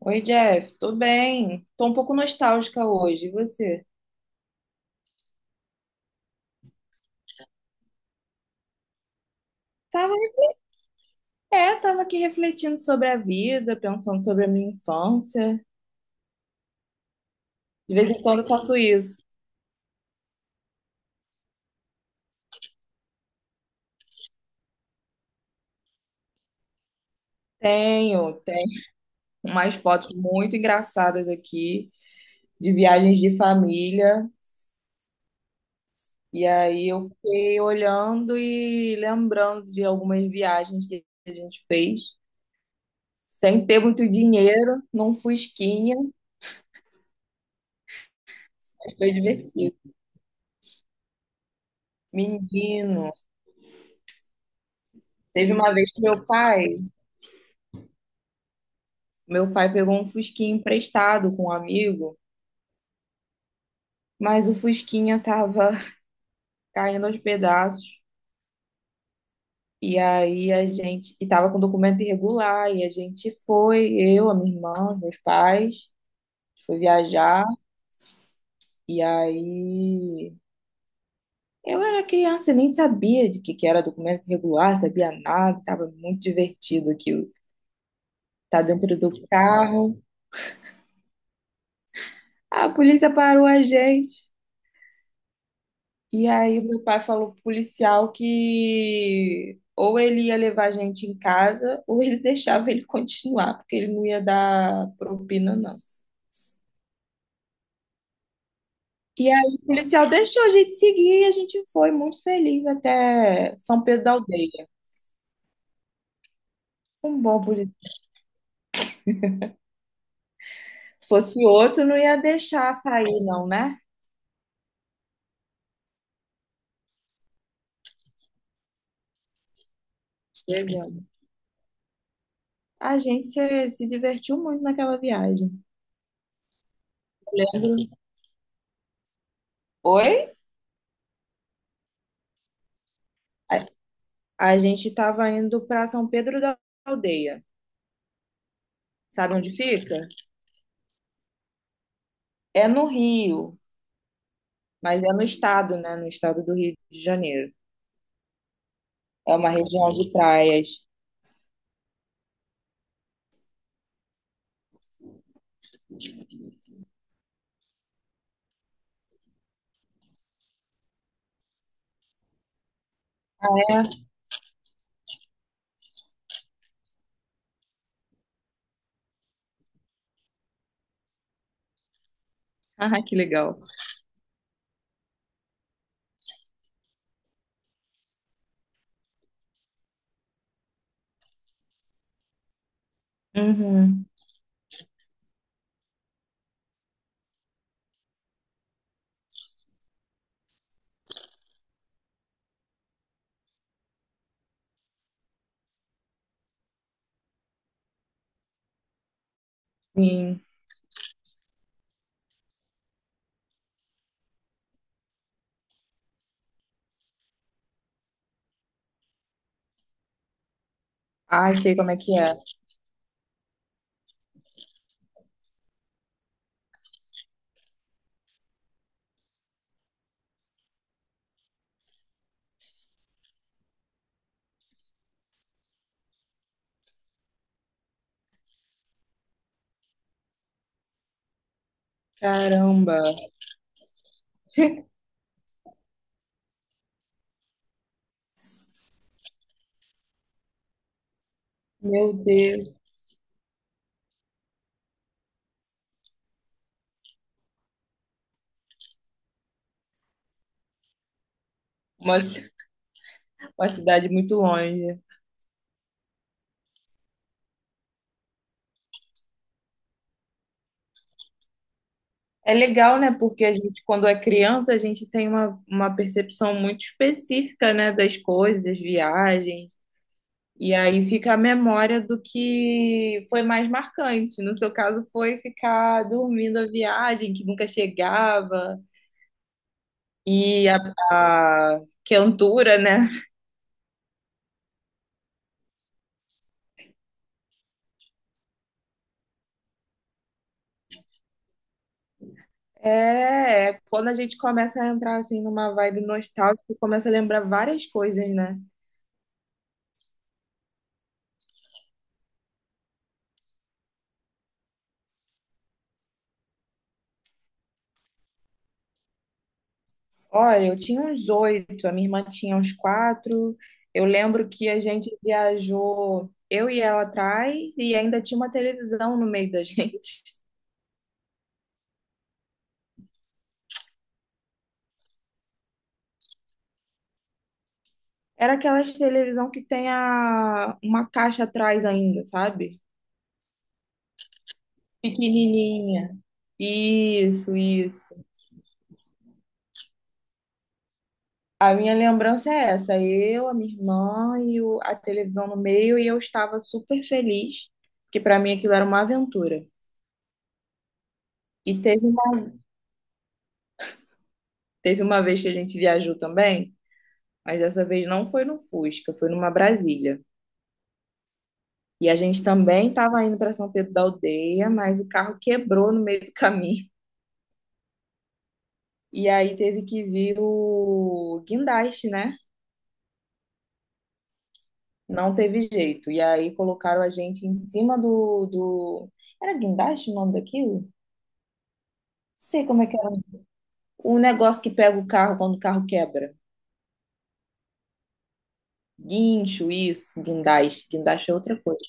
Oi, Jeff, tô bem. Tô um pouco nostálgica hoje. E você? Tava, tava aqui refletindo sobre a vida, pensando sobre a minha infância. De vez em quando eu faço isso. Tenho umas fotos muito engraçadas aqui de viagens de família. E aí eu fiquei olhando e lembrando de algumas viagens que a gente fez. Sem ter muito dinheiro, num fusquinha, mas foi divertido. Menino, teve uma vez que meu pai meu pai pegou um fusquinha emprestado com um amigo, mas o fusquinha tava caindo aos pedaços. E aí a gente, e tava com documento irregular, e a gente foi, eu, a minha irmã, meus pais, foi viajar, e aí eu era criança, nem sabia de que era documento irregular, sabia nada, tava muito divertido aquilo. Tá dentro do carro, a polícia parou a gente. E aí meu pai falou pro policial que ou ele ia levar a gente em casa ou ele deixava ele continuar, porque ele não ia dar propina, não. E aí o policial deixou a gente seguir e a gente foi muito feliz até São Pedro da Aldeia. Um bom policial. Se fosse outro, não ia deixar sair, não, né? Chegando. A gente se divertiu muito naquela viagem. Eu lembro. Oi? A, a gente estava indo para São Pedro da Aldeia. Sabe onde fica? É no Rio, mas é no estado, né? No estado do Rio de Janeiro. É uma região de praias. Ah, que legal. Uhum, sim. Ai, sei como é que é. Caramba, meu Deus. Uma, ci- uma cidade muito longe. É legal, né? Porque a gente, quando é criança, a gente tem uma percepção muito específica, né? Das coisas, viagens. E aí fica a memória do que foi mais marcante. No seu caso, foi ficar dormindo a viagem, que nunca chegava, e a quentura, né? É quando a gente começa a entrar assim numa vibe nostálgica, começa a lembrar várias coisas, né? Olha, eu tinha uns oito, a minha irmã tinha uns quatro. Eu lembro que a gente viajou, eu e ela atrás, e ainda tinha uma televisão no meio da gente. Era aquelas televisão que tem uma caixa atrás ainda, sabe? Pequenininha. Isso, isso. A minha lembrança é essa. Eu, a minha irmã e a televisão no meio, e eu estava super feliz, porque para mim aquilo era uma aventura. E teve uma vez que a gente viajou também, mas dessa vez não foi no Fusca, foi numa Brasília. E a gente também estava indo para São Pedro da Aldeia, mas o carro quebrou no meio do caminho. E aí teve que vir o guindaste, né? Não teve jeito. E aí colocaram a gente em cima do. Era guindaste o nome daquilo? Não sei como é que era. O negócio que pega o carro quando o carro quebra. Guincho, isso, guindaste. Guindaste é outra coisa.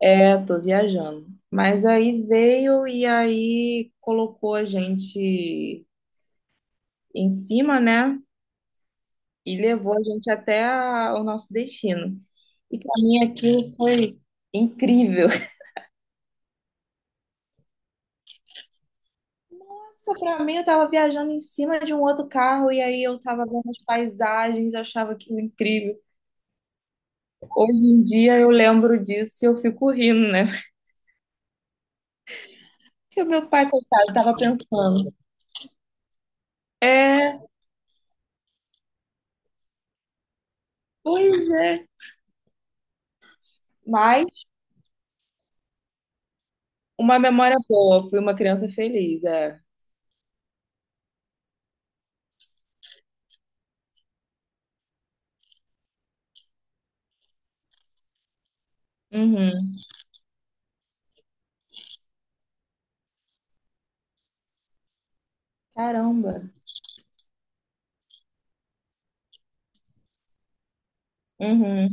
É, tô viajando. Mas aí veio e aí colocou a gente em cima, né? E levou a gente até o nosso destino. E pra mim aquilo foi incrível. Nossa, pra mim, eu tava viajando em cima de um outro carro e aí eu tava vendo as paisagens, eu achava aquilo incrível. Hoje em dia eu lembro disso e eu fico rindo, né? Porque o meu pai, coitado, tava pensando. É, pois é. Mas uma memória boa, fui uma criança feliz, é. Uhum. Caramba. Uhum.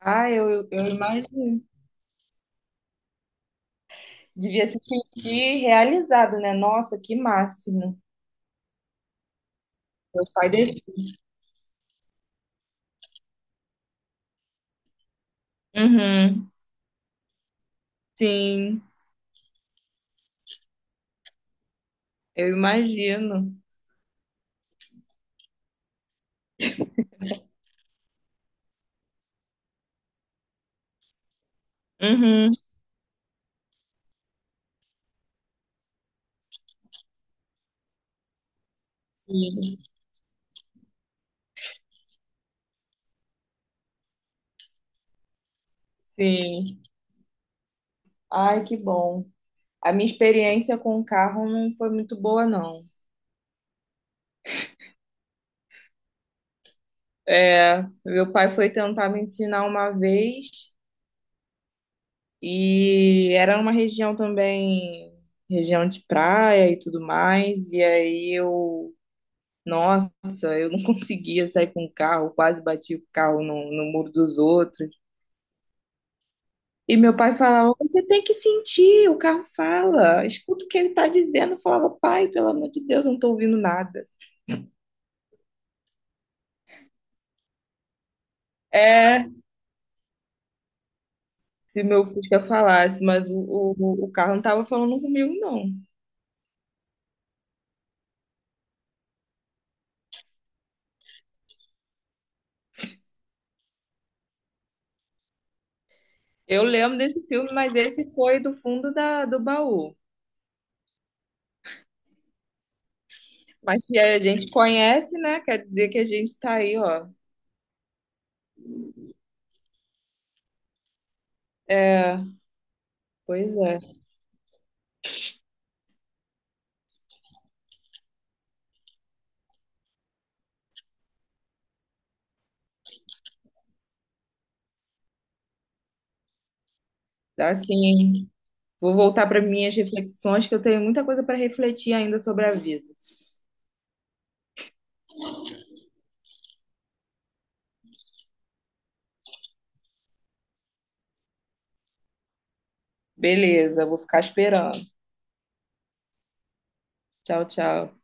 Ah, eu imagino. Devia se sentir realizado, né? Nossa, que máximo. Meu pai deixou. Uhum. Sim, eu imagino. Uhum. Sim. Sim. Ai, que bom. A minha experiência com o carro não foi muito boa, não. É, meu pai foi tentar me ensinar uma vez e era uma região também, região de praia e tudo mais. E aí eu, nossa, eu não conseguia sair com o carro, quase bati o carro no muro dos outros. E meu pai falava: você tem que sentir, o carro fala, escuta o que ele tá dizendo. Eu falava: pai, pelo amor de Deus, eu não tô ouvindo nada. É. Se meu Fusca falasse, mas o carro não estava falando comigo, não. Eu lembro desse filme, mas esse foi do fundo da, do baú. Mas se a gente conhece, né? Quer dizer que a gente tá aí, ó. É, pois é. Assim, vou voltar para minhas reflexões, que eu tenho muita coisa para refletir ainda sobre a vida. Beleza, vou ficar esperando. Tchau, tchau.